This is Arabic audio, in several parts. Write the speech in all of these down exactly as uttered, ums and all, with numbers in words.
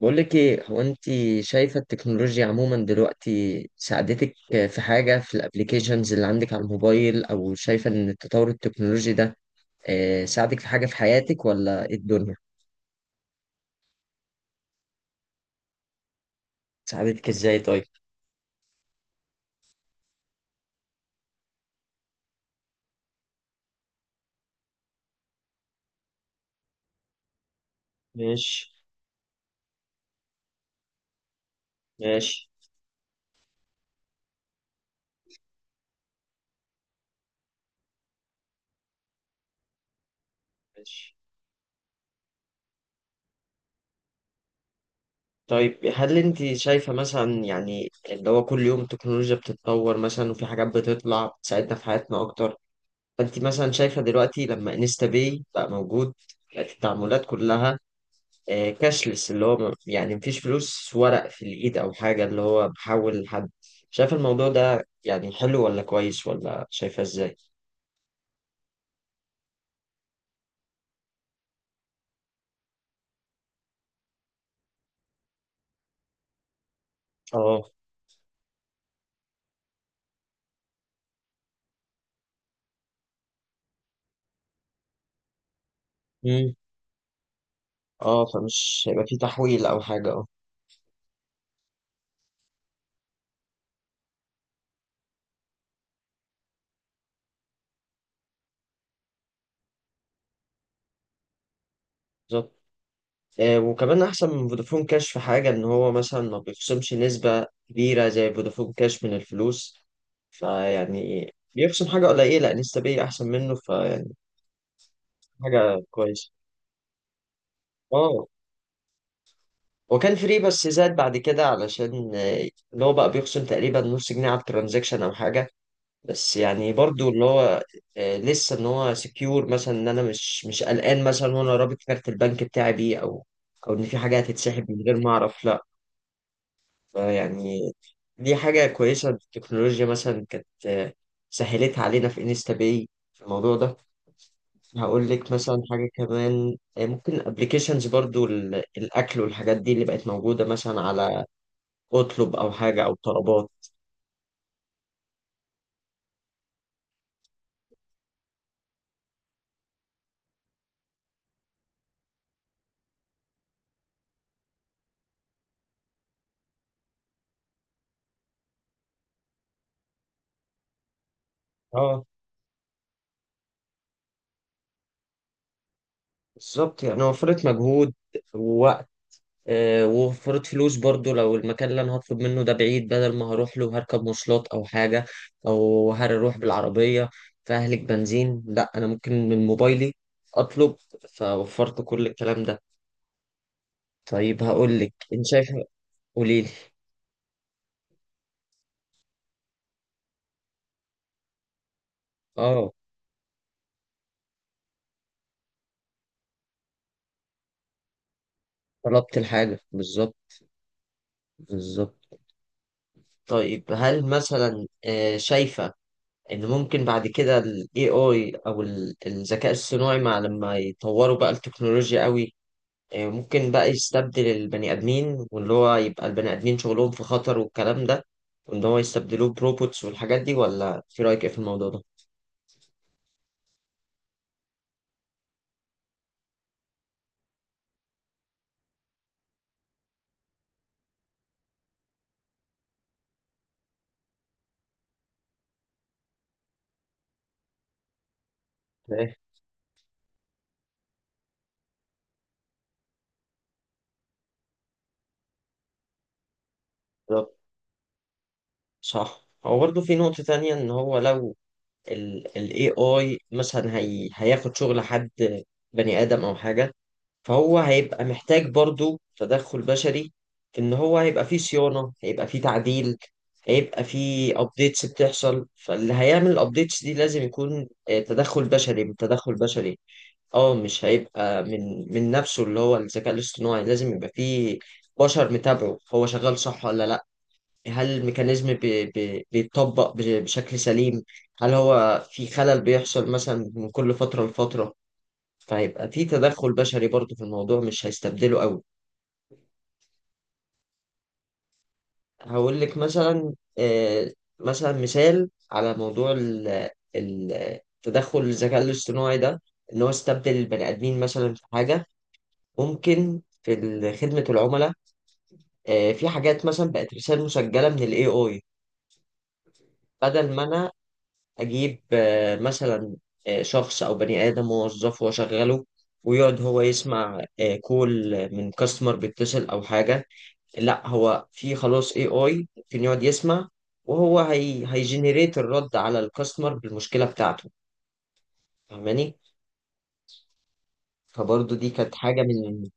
بقول لك ايه هو انت؟ شايفة التكنولوجيا عموما دلوقتي ساعدتك في حاجة في الابليكيشنز اللي عندك على الموبايل، او شايفة ان التطور التكنولوجي ده آه، ساعدك في حاجة في حياتك، ولا ايه الدنيا؟ ساعدتك ازاي طيب؟ ماشي. ماشي. ماشي. طيب هل انت شايفة مثلا يعني اللي هو كل يوم التكنولوجيا بتتطور مثلا وفي حاجات بتطلع بتساعدنا في حياتنا اكتر؟ فانت مثلا شايفة دلوقتي لما انستا باي بقى موجود، بقت التعاملات كلها آه، كاشلس، اللي هو م- يعني مفيش فلوس ورق في الإيد أو حاجة، اللي هو بحول لحد. شايف الموضوع ده يعني حلو ولا كويس، ولا شايفها إزاي؟ اه. مم. اه، فمش هيبقى في تحويل أو حاجة. اه، بالظبط. آه، وكمان أحسن من فودافون كاش في حاجة، إن هو مثلا ما بيخصمش نسبة كبيرة زي فودافون كاش من الفلوس، فيعني بيخصم حاجة قليلة نسبية أحسن منه، فيعني حاجة كويسة. اه، وكان فري بس زاد بعد كده علشان آه، اللي هو بقى بيخصم تقريبا نص جنيه على الترانزاكشن او حاجه. بس يعني برضو اللي هو آه، لسه ان هو سكيور، مثلا ان انا مش مش قلقان مثلا وانا رابط كارت البنك بتاعي بيه، او او ان في حاجه هتتسحب من غير ما اعرف، لا يعني. دي حاجه كويسه التكنولوجيا مثلا كانت آه، سهلتها علينا في انستا باي، في الموضوع ده. هقول لك مثلا حاجه كمان، آه، ممكن ابلكيشنز برضو ال- الاكل والحاجات دي اللي بقت موجوده مثلا على اطلب او حاجه او طلبات. اه. بالظبط، يعني وفرت مجهود ووقت، آه ووفرت فلوس برضو لو المكان اللي انا هطلب منه ده بعيد، بدل ما هروح له هركب مواصلات او حاجه، او هروح بالعربيه فاهلك بنزين، لا انا ممكن من موبايلي اطلب، فوفرت كل الكلام ده. طيب هقول لك انت شايفه. قولي لي. اه، طلبت الحاجه بالظبط. بالظبط. طيب هل مثلا آه شايفه ان ممكن بعد كده ال إيه آي او ال- الذكاء الصناعي مع لما يطوروا بقى التكنولوجيا قوي، آه، ممكن بقى يستبدل البني ادمين، واللي هو يبقى البني ادمين شغلهم في خطر والكلام ده، وان هو يستبدلوه بروبوتس والحاجات دي، ولا في رايك ايه في الموضوع ده؟ ايه. بالظبط. صح، هو برضه في نقطة تانية ان هو لو ال ال إيه آي مثلا هي هياخد شغل حد، بني ادم او حاجة، فهو هيبقى محتاج برضو تدخل بشري، في ان هو هيبقى فيه صيانة، هيبقى فيه تعديل، هيبقى فيه ابديتس بتحصل، فاللي هيعمل الابديتس دي لازم يكون آه، تدخل بشري، من تدخل بشري. اه، مش هيبقى من من نفسه اللي هو الذكاء الاصطناعي، لازم يبقى فيه بشر متابعه هو شغال صح ولا لا، هل الميكانيزم بي بي بيتطبق بش- بشكل سليم، هل هو في خلل بيحصل مثلا من كل فترة لفترة، فهيبقى في تدخل بشري برضه في الموضوع، مش هيستبدله قوي. هقول لك مثلا، آه، مثلا مثال على موضوع ال- ال- تدخل الذكاء الاصطناعي ده، ان هو استبدل البني ادمين مثلا في حاجه، ممكن في ال- خدمه العملاء. آه، في حاجات مثلا بقت رسائل مسجله من الاي اي، بدل ما انا اجيب آه، مثلا آه، شخص او بني ادم موظف واشغله، ويقعد هو يسمع آه، كول من كاستمر بيتصل او حاجه. لا، هو في خلاص اي اي ممكن يقعد يسمع، وهو هي هيجنريت الرد على الكاستمر بالمشكله بتاعته، فاهماني؟ فبرضه دي كانت حاجه من.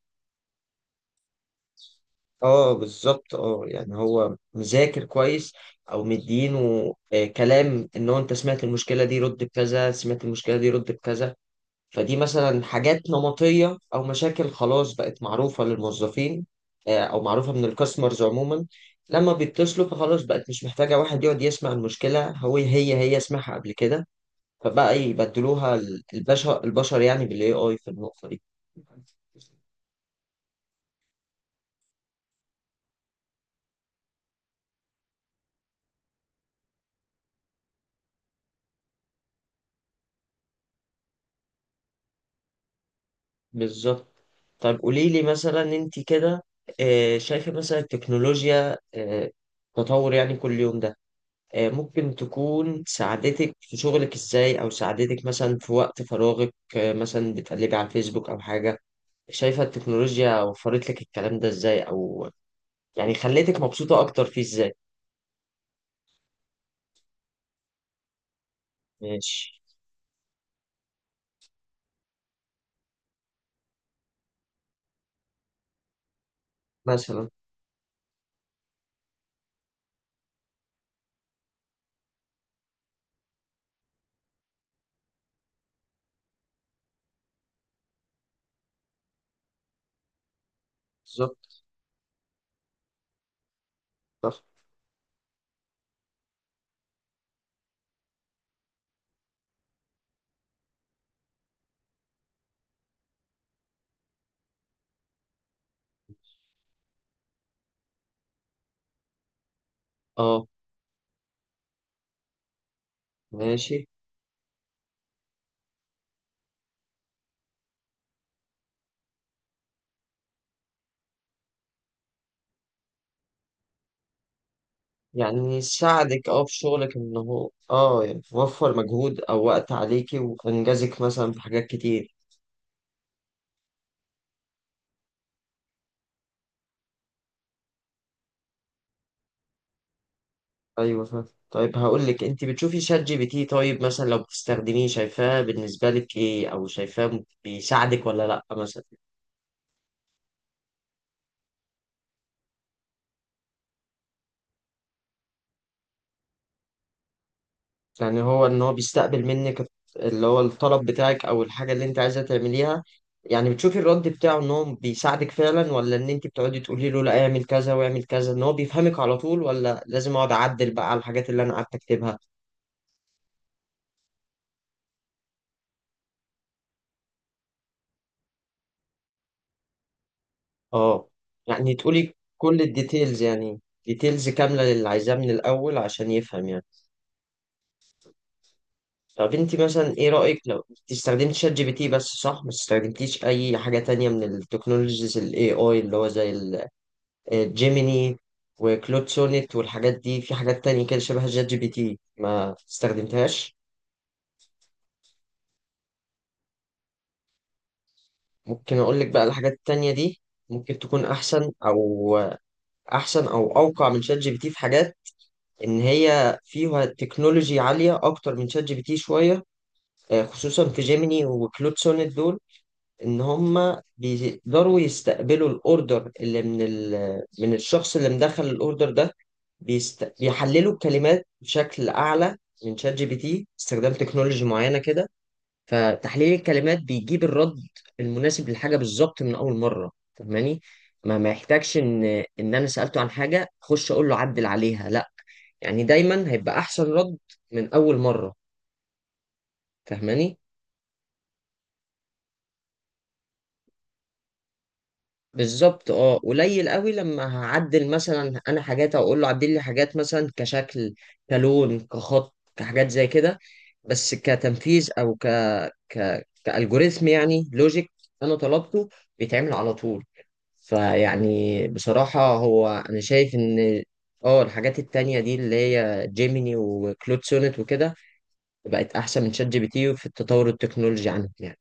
اه بالظبط، اه يعني هو مذاكر كويس او مدينه آه، كلام، ان هو انت سمعت المشكله دي رد بكذا، سمعت المشكله دي رد بكذا، فدي مثلا حاجات نمطية أو مشاكل خلاص بقت معروفة للموظفين، آه، أو معروفة من الكاستمرز عموما لما بيتصلوا، فخلاص بقت مش محتاجة واحد يقعد يسمع المشكلة، هو هي هي سمعها قبل كده، فبقى يبدلوها ال- البشر، البشر يعني بالاي اي في النقطة دي. بالظبط. طب قولي لي مثلا انت كده آه، شايفة مثلا التكنولوجيا آه، تطور يعني كل يوم ده آه، ممكن تكون ساعدتك في شغلك ازاي، او ساعدتك مثلا في وقت فراغك، آه، مثلا بتقلبي على الفيسبوك او حاجة، شايفة التكنولوجيا وفرت لك الكلام ده ازاي، او يعني خليتك مبسوطة اكتر فيه ازاي؟ ماشي. مثلا. بالظبط. صح. اه. ماشي. يعني ساعدك اه في شغلك ان هو اه يعني وفر مجهود او وقت عليكي، وانجزك مثلا في حاجات كتير. ايوه فاهم. طيب هقول لك، انت بتشوفي شات جي بي تي؟ طيب مثلا لو بتستخدميه، شايفاه بالنسبه لك ايه، او شايفاه بيساعدك ولا لا مثلا؟ يعني هو ان هو بيستقبل منك اللي هو الطلب بتاعك او الحاجه اللي انت عايزه تعمليها، يعني بتشوفي الرد بتاعه ان هو بيساعدك فعلا، ولا ان انت بتقعدي تقولي له لا اعمل كذا واعمل كذا، ان هو بيفهمك على طول، ولا لازم اقعد اعدل بقى على الحاجات اللي انا قعدت اكتبها؟ اه يعني تقولي كل الديتيلز، يعني ديتيلز كامله للي عايزاه من الاول عشان يفهم يعني. طب انت مثلا ايه رأيك، لو انت استخدمت شات جي بي تي بس صح، ما استخدمتيش اي حاجة تانية من التكنولوجيز الاي اي اللي هو زي الجيميني وكلود سونيت والحاجات دي، في حاجات تانية كده شبه شات جي بي تي ما استخدمتهاش؟ ممكن اقول لك بقى الحاجات التانية دي، ممكن تكون احسن او احسن او اوقع من شات جي بي تي في حاجات، ان هي فيها تكنولوجي عالية اكتر من شات جي بي تي شوية، آه، خصوصا في جيميني وكلود سونيت دول، ان هم بيقدروا يستقبلوا الاوردر اللي من ال... من الشخص اللي مدخل الاوردر ده، بيست... بيحللوا الكلمات بشكل اعلى من شات جي بي تي، استخدام تكنولوجي معينه كده، فتحليل الكلمات بيجيب الرد المناسب للحاجه بالظبط من اول مره، فاهماني؟ ما ما يحتاجش ان ان انا سالته عن حاجه اخش اقول له عدل عليها، لا يعني دايما هيبقى احسن رد من اول مره، فاهماني؟ بالظبط، اه قليل قوي لما هعدل مثلا انا حاجات، او اقول له عدل لي حاجات مثلا كشكل كلون كخط كحاجات زي كده، بس كتنفيذ او ك ك كالجوريثم يعني لوجيك انا طلبته، بيتعمل على طول، فيعني بصراحة هو انا شايف ان اه الحاجات التانية دي اللي هي جيميني وكلود سونيت وكده بقت احسن من شات جي بي تي في التطور التكنولوجي عنه يعني.